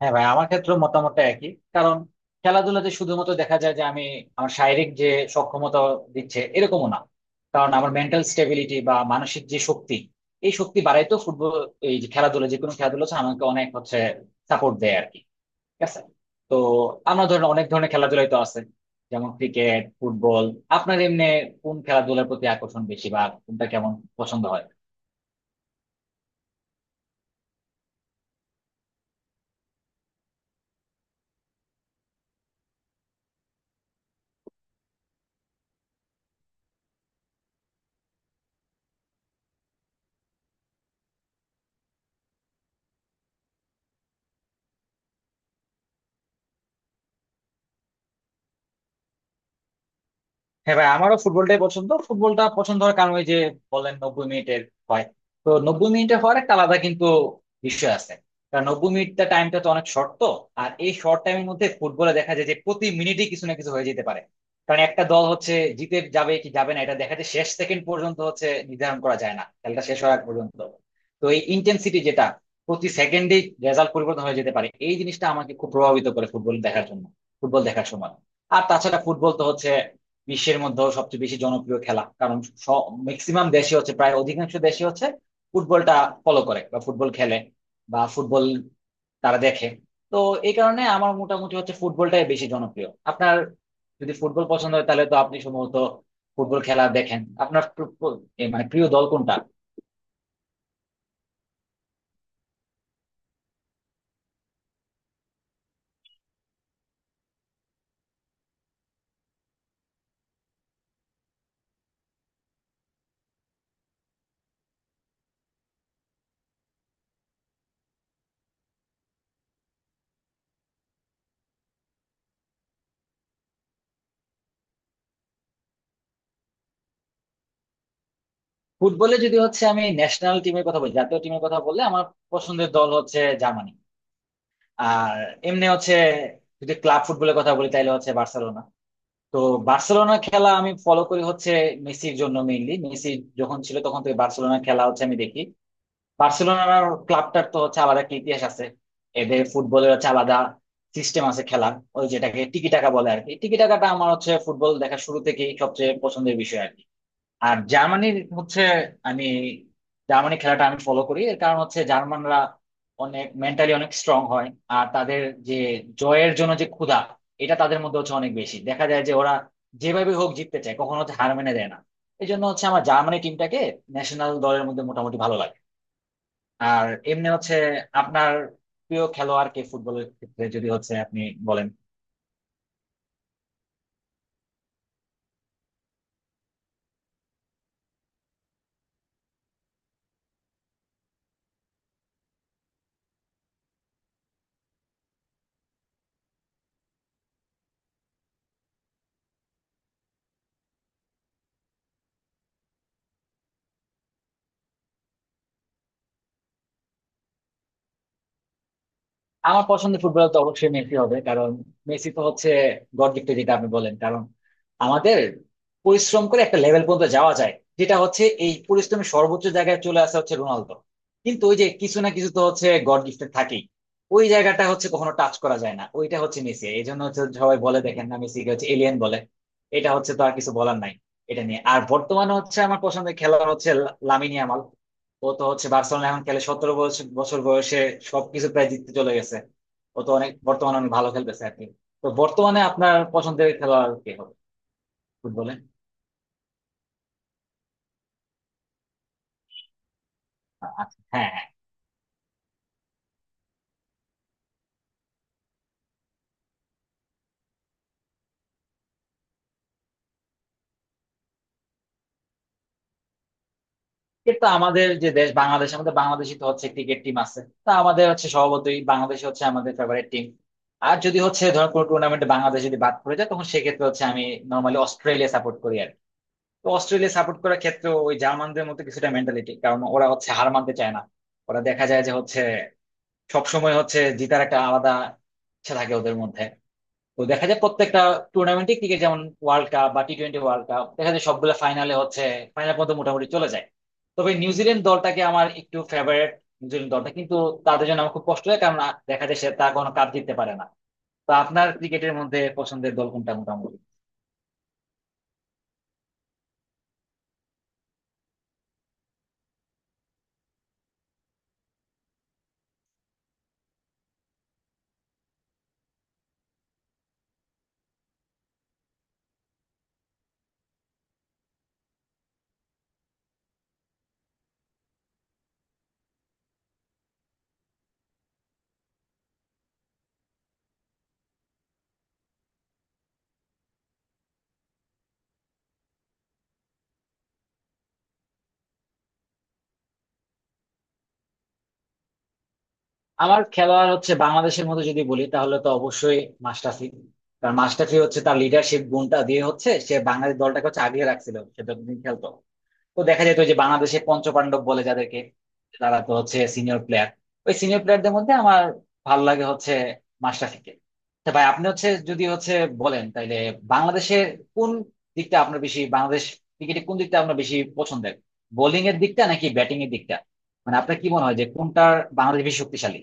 হ্যাঁ ভাই, আমার ক্ষেত্রে মতামতটা একই। কারণ খেলাধুলাতে শুধুমাত্র দেখা যায় যে আমার শারীরিক যে সক্ষমতা দিচ্ছে এরকমও না। কারণ আমার মেন্টাল স্টেবিলিটি বা মানসিক যে শক্তি, এই শক্তি বাড়াই তো ফুটবল, এই যে খেলাধুলা, যে কোনো খেলাধুলা হচ্ছে আমাকে অনেক হচ্ছে সাপোর্ট দেয় আর কি। ঠিক আছে। তো আমরা ধরেন অনেক ধরনের খেলাধুলাই তো আছে, যেমন ক্রিকেট, ফুটবল। আপনার এমনি কোন খেলাধুলার প্রতি আকর্ষণ বেশি বা কোনটা কেমন পছন্দ হয়? হ্যাঁ ভাই, আমারও ফুটবলটাই পছন্দ। ফুটবলটা পছন্দ হওয়ার কারণ ওই যে বলেন 90 মিনিটের হয়। তো 90 মিনিটে হওয়ার একটা আলাদা কিন্তু বিষয় আছে। কারণ 90 মিনিটটা, টাইমটা তো অনেক শর্ট। তো আর এই শর্ট টাইমের মধ্যে ফুটবলে দেখা যায় যে প্রতি মিনিটে কিছু না কিছু হয়ে যেতে পারে। কারণ একটা দল হচ্ছে জিতে যাবে কি যাবে না, এটা দেখা যায় শেষ সেকেন্ড পর্যন্ত হচ্ছে, নির্ধারণ করা যায় না খেলাটা শেষ হওয়ার আগ পর্যন্ত। তো এই ইন্টেন্সিটি, যেটা প্রতি সেকেন্ডেই রেজাল্ট পরিবর্তন হয়ে যেতে পারে, এই জিনিসটা আমাকে খুব প্রভাবিত করে ফুটবল দেখার জন্য, ফুটবল দেখার সময়। আর তাছাড়া ফুটবল তো হচ্ছে বিশ্বের মধ্যেও সবচেয়ে বেশি জনপ্রিয় খেলা। কারণ ম্যাক্সিমাম দেশে হচ্ছে, প্রায় অধিকাংশ দেশে হচ্ছে ফুটবলটা ফলো করে বা ফুটবল খেলে বা ফুটবল তারা দেখে। তো এই কারণে আমার মোটামুটি হচ্ছে ফুটবলটাই বেশি জনপ্রিয়। আপনার যদি ফুটবল পছন্দ হয় তাহলে তো আপনি সম্ভবত ফুটবল খেলা দেখেন। আপনার প্র- প্র- এ মানে প্রিয় দল কোনটা ফুটবলে? যদি হচ্ছে আমি ন্যাশনাল টিমের কথা বলি, জাতীয় টিমের কথা বললে আমার পছন্দের দল হচ্ছে জার্মানি। আর এমনি হচ্ছে, যদি ক্লাব ফুটবলের কথা বলি তাহলে হচ্ছে বার্সেলোনা। তো বার্সেলোনার খেলা আমি ফলো করি হচ্ছে মেসির জন্য। মেইনলি মেসি যখন ছিল তখন থেকে বার্সেলোনার খেলা হচ্ছে আমি দেখি। বার্সেলোনার ক্লাবটার তো হচ্ছে আলাদা একটা ইতিহাস আছে, এদের ফুটবলের হচ্ছে আলাদা সিস্টেম আছে খেলার, ওই যেটাকে টিকি টাকা বলে আর কি। টিকি টাকাটা আমার হচ্ছে ফুটবল দেখা শুরু থেকেই সবচেয়ে পছন্দের বিষয় আর কি। আর জার্মানির হচ্ছে, আমি জার্মানি খেলাটা আমি ফলো করি এর কারণ হচ্ছে জার্মানরা অনেক মেন্টালি অনেক স্ট্রং হয়। আর তাদের যে জয়ের জন্য যে ক্ষুধা, এটা তাদের মধ্যে হচ্ছে অনেক বেশি দেখা যায়, যে ওরা যেভাবে হোক জিততে চায়, কখনো হচ্ছে হার মেনে দেয় না। এই জন্য হচ্ছে আমার জার্মানি টিমটাকে ন্যাশনাল দলের মধ্যে মোটামুটি ভালো লাগে। আর এমনি হচ্ছে, আপনার প্রিয় খেলোয়াড় কে ফুটবলের ক্ষেত্রে, যদি হচ্ছে আপনি বলেন? আমার পছন্দের ফুটবলার তো অবশ্যই মেসি হবে। কারণ মেসি তো হচ্ছে গড়দিকটা, যেটা আপনি বলেন। কারণ আমাদের পরিশ্রম করে একটা লেভেল পর্যন্ত যাওয়া যায়, যেটা হচ্ছে এই পরিশ্রমের সর্বোচ্চ জায়গায় চলে আসা, হচ্ছে রোনালদো। কিন্তু ওই যে কিছু না কিছু তো হচ্ছে গড গিফটেড থাকেই, ওই জায়গাটা হচ্ছে কখনো টাচ করা যায় না, ওইটা হচ্ছে মেসি। এই জন্য হচ্ছে সবাই বলে, দেখেন না মেসিকে হচ্ছে এলিয়েন বলে। এটা হচ্ছে তো আর কিছু বলার নাই এটা নিয়ে। আর বর্তমানে হচ্ছে আমার পছন্দের খেলোয়াড় হচ্ছে লামিনে ইয়ামাল। ও তো হচ্ছে বার্সেলোনা এখন খেলে, সতেরো বছর বছর বয়সে সবকিছু প্রায় জিততে চলে গেছে। ও তো অনেক, বর্তমানে অনেক ভালো খেলতেছে আর কি। তো বর্তমানে আপনার পছন্দের খেলোয়াড় কে হবে ফুটবলে? আচ্ছা, হ্যাঁ হ্যাঁ। কিন্তু আমাদের যে দেশ বাংলাদেশ, আমাদের বাংলাদেশই তো হচ্ছে ক্রিকেট টিম আছে। তা আমাদের হচ্ছে স্বভাবতই বাংলাদেশ হচ্ছে আমাদের ফেভারিট টিম। আর যদি হচ্ছে ধর কোনো টুর্নামেন্টে বাংলাদেশ যদি বাদ পড়ে যায়, তখন সেক্ষেত্রে হচ্ছে আমি নর্মালি অস্ট্রেলিয়া সাপোর্ট করি আর কি। তো অস্ট্রেলিয়া সাপোর্ট করার ক্ষেত্রে ওই জার্মানদের মতো কিছুটা মেন্টালিটি। কারণ ওরা হচ্ছে হার মানতে চায় না, ওরা দেখা যায় যে হচ্ছে সবসময় হচ্ছে জিতার একটা আলাদা ইচ্ছা থাকে ওদের মধ্যে। তো দেখা যায় প্রত্যেকটা টুর্নামেন্টে, ক্রিকেট যেমন ওয়ার্ল্ড কাপ বা টি20 ওয়ার্ল্ড কাপ, দেখা যায় সবগুলো ফাইনালে হচ্ছে, ফাইনাল পর্যন্ত মোটামুটি চলে যায়। তবে নিউজিল্যান্ড দলটাকে আমার একটু ফেভারিট, নিউজিল্যান্ড দলটা কিন্তু, তাদের জন্য আমার খুব কষ্ট হয়। কারণ দেখা যায় সে তা কোনো কাপ জিততে পারে না। তো আপনার ক্রিকেটের মধ্যে পছন্দের দল কোনটা মোটামুটি? আমার খেলোয়াড় হচ্ছে বাংলাদেশের মধ্যে যদি বলি তাহলে তো অবশ্যই মাশরাফি। কারণ মাশরাফি হচ্ছে তার লিডারশিপ গুণটা দিয়ে হচ্ছে সে বাংলাদেশ দলটাকে হচ্ছে আগিয়ে রাখছিল সে যতদিন খেলতো। তো দেখা যেত যে বাংলাদেশে পঞ্চপাণ্ডব বলে যাদেরকে, তারা তো হচ্ছে সিনিয়র প্লেয়ার। ওই সিনিয়র প্লেয়ারদের মধ্যে আমার ভালো লাগে হচ্ছে মাশরাফিকে। তা ভাই আপনি হচ্ছে, যদি হচ্ছে বলেন, তাইলে বাংলাদেশের কোন দিকটা আপনার বেশি, বাংলাদেশ ক্রিকেটে কোন দিকটা আপনার বেশি পছন্দের, বোলিং এর দিকটা নাকি ব্যাটিং এর দিকটা? মানে আপনার কি মনে হয় যে কোনটার বাংলাদেশ বেশি শক্তিশালী?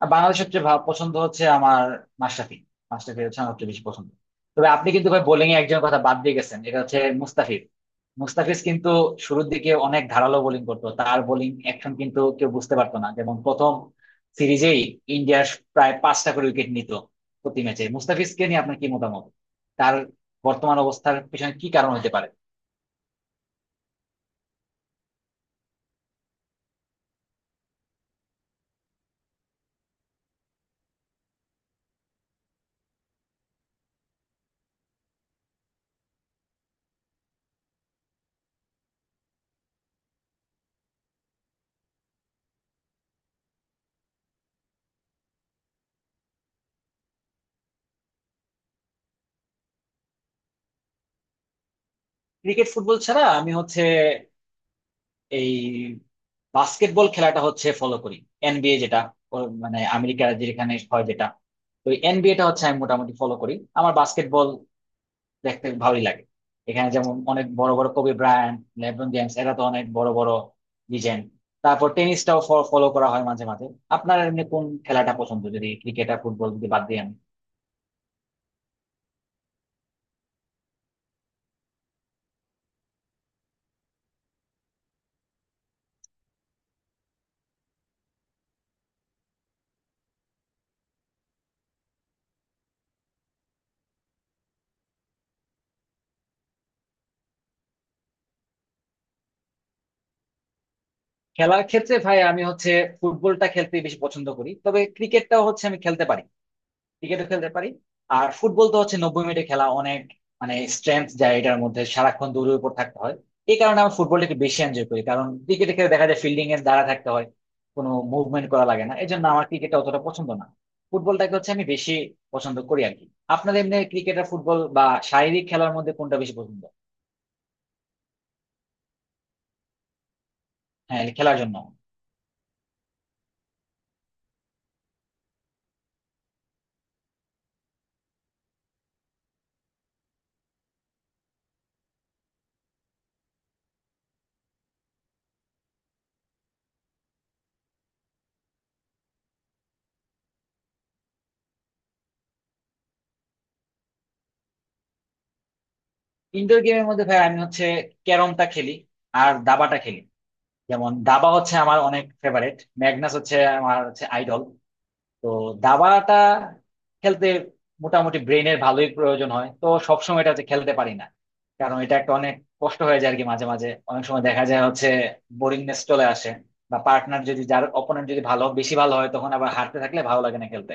আর বাংলাদেশ সবচেয়ে পছন্দ হচ্ছে আমার মাশরাফি। মাশরাফি হচ্ছে আমার সবচেয়ে বেশি পছন্দ। তবে আপনি কিন্তু ভাই বোলিং এ একজনের কথা বাদ দিয়ে গেছেন, এটা হচ্ছে মুস্তাফিজ। মুস্তাফিজ কিন্তু শুরুর দিকে অনেক ধারালো বোলিং করতো, তার বোলিং অ্যাকশন কিন্তু কেউ বুঝতে পারতো না। যেমন প্রথম সিরিজেই ইন্ডিয়ার প্রায় পাঁচটা করে উইকেট নিত প্রতি ম্যাচে। মুস্তাফিজকে নিয়ে আপনার কি মতামত, তার বর্তমান অবস্থার পিছনে কি কারণ হতে পারে? ক্রিকেট ফুটবল ছাড়া আমি হচ্ছে এই বাস্কেটবল খেলাটা হচ্ছে ফলো করি। এনবিএ যেটা, ও, মানে আমেরিকার যেখানে হয় যেটা। তো এনবিএটা হচ্ছে আমি মোটামুটি ফলো করি। আমার বাস্কেটবল দেখতে ভালোই লাগে। এখানে যেমন অনেক বড় বড়, কোবি ব্রায়ান্ট, লেব্রন জেমস, এরা তো অনেক বড় বড় লিজেন্ড। তারপর টেনিসটাও ফলো করা হয় মাঝে মাঝে। আপনার এমনি কোন খেলাটা পছন্দ যদি ক্রিকেট আর ফুটবল যদি বাদ দিই আমি? খেলার ক্ষেত্রে ভাই আমি হচ্ছে ফুটবলটা খেলতে বেশি পছন্দ করি। তবে ক্রিকেটটাও হচ্ছে আমি খেলতে পারি, ক্রিকেটও খেলতে পারি। আর ফুটবল তো হচ্ছে 90 মিনিটে খেলা, অনেক মানে স্ট্রেংথ যায় এটার মধ্যে, সারাক্ষণ দৌড়ের উপর থাকতে হয়। এই কারণে আমি ফুটবলটা একটু বেশি এনজয় করি। কারণ ক্রিকেটে খেলে দেখা যায় ফিল্ডিং এর দ্বারা থাকতে হয়, কোনো মুভমেন্ট করা লাগে না। এই জন্য আমার ক্রিকেটটা অতটা পছন্দ না, ফুটবলটাকে হচ্ছে আমি বেশি পছন্দ করি আর কি। আপনার এমনি ক্রিকেট আর ফুটবল বা শারীরিক খেলার মধ্যে কোনটা বেশি পছন্দ? হ্যাঁ, খেলার জন্য। ইনডোর গেমের মধ্যে ভাই আমি হচ্ছে ক্যারমটা খেলি আর দাবাটা খেলি। যেমন দাবা হচ্ছে আমার অনেক ফেভারিট, ম্যাগনাস হচ্ছে আমার হচ্ছে আইডল। তো দাবাটা খেলতে মোটামুটি ব্রেনের ভালোই প্রয়োজন হয়, তো সবসময় এটা হচ্ছে খেলতে পারি না। কারণ এটা একটা অনেক কষ্ট হয়ে যায় আর কি। মাঝে মাঝে অনেক সময় দেখা যায় হচ্ছে বোরিংনেস চলে আসে, বা পার্টনার যদি, যার অপোনেন্ট যদি ভালো, বেশি ভালো হয়, তখন আবার হারতে থাকলে ভালো লাগে না খেলতে।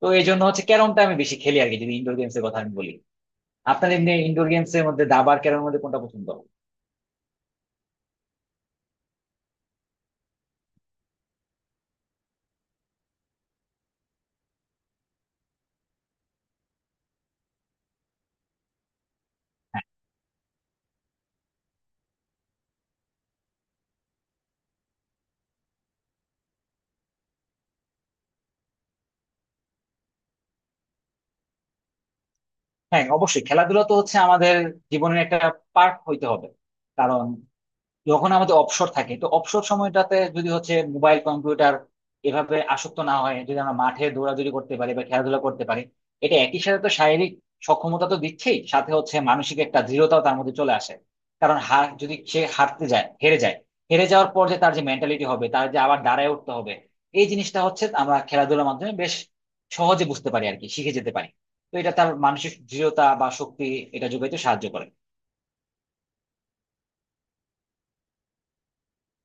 তো এই জন্য হচ্ছে ক্যারমটা আমি বেশি খেলি আর কি, যদি ইনডোর গেমস এর কথা আমি বলি। আপনার এমনি ইনডোর গেমস এর মধ্যে দাবা আর ক্যারমের মধ্যে কোনটা পছন্দ? হ্যাঁ। হ্যাঁ, অবশ্যই। খেলাধুলা তো হচ্ছে আমাদের জীবনের একটা পার্ট হইতে হবে। কারণ যখন আমাদের অবসর থাকে, তো অবসর সময়টাতে যদি হচ্ছে মোবাইল, কম্পিউটার, এভাবে আসক্ত না হয়, যদি আমরা মাঠে দৌড়াদৌড়ি করতে পারি বা খেলাধুলা করতে পারি, এটা একই সাথে তো শারীরিক সক্ষমতা তো দিচ্ছেই, সাথে হচ্ছে মানসিক একটা দৃঢ়তাও তার মধ্যে চলে আসে। কারণ হার যদি সে হারতে যায়, হেরে যায়, হেরে যাওয়ার পর যে তার যে মেন্টালিটি হবে, তার যে আবার দাঁড়ায় উঠতে হবে, এই জিনিসটা হচ্ছে আমরা খেলাধুলার মাধ্যমে বেশ সহজে বুঝতে পারি আর কি, শিখে যেতে পারি। তো এটা তার মানসিক দৃঢ়তা বা শক্তি, এটা যোগাইতে সাহায্য করে।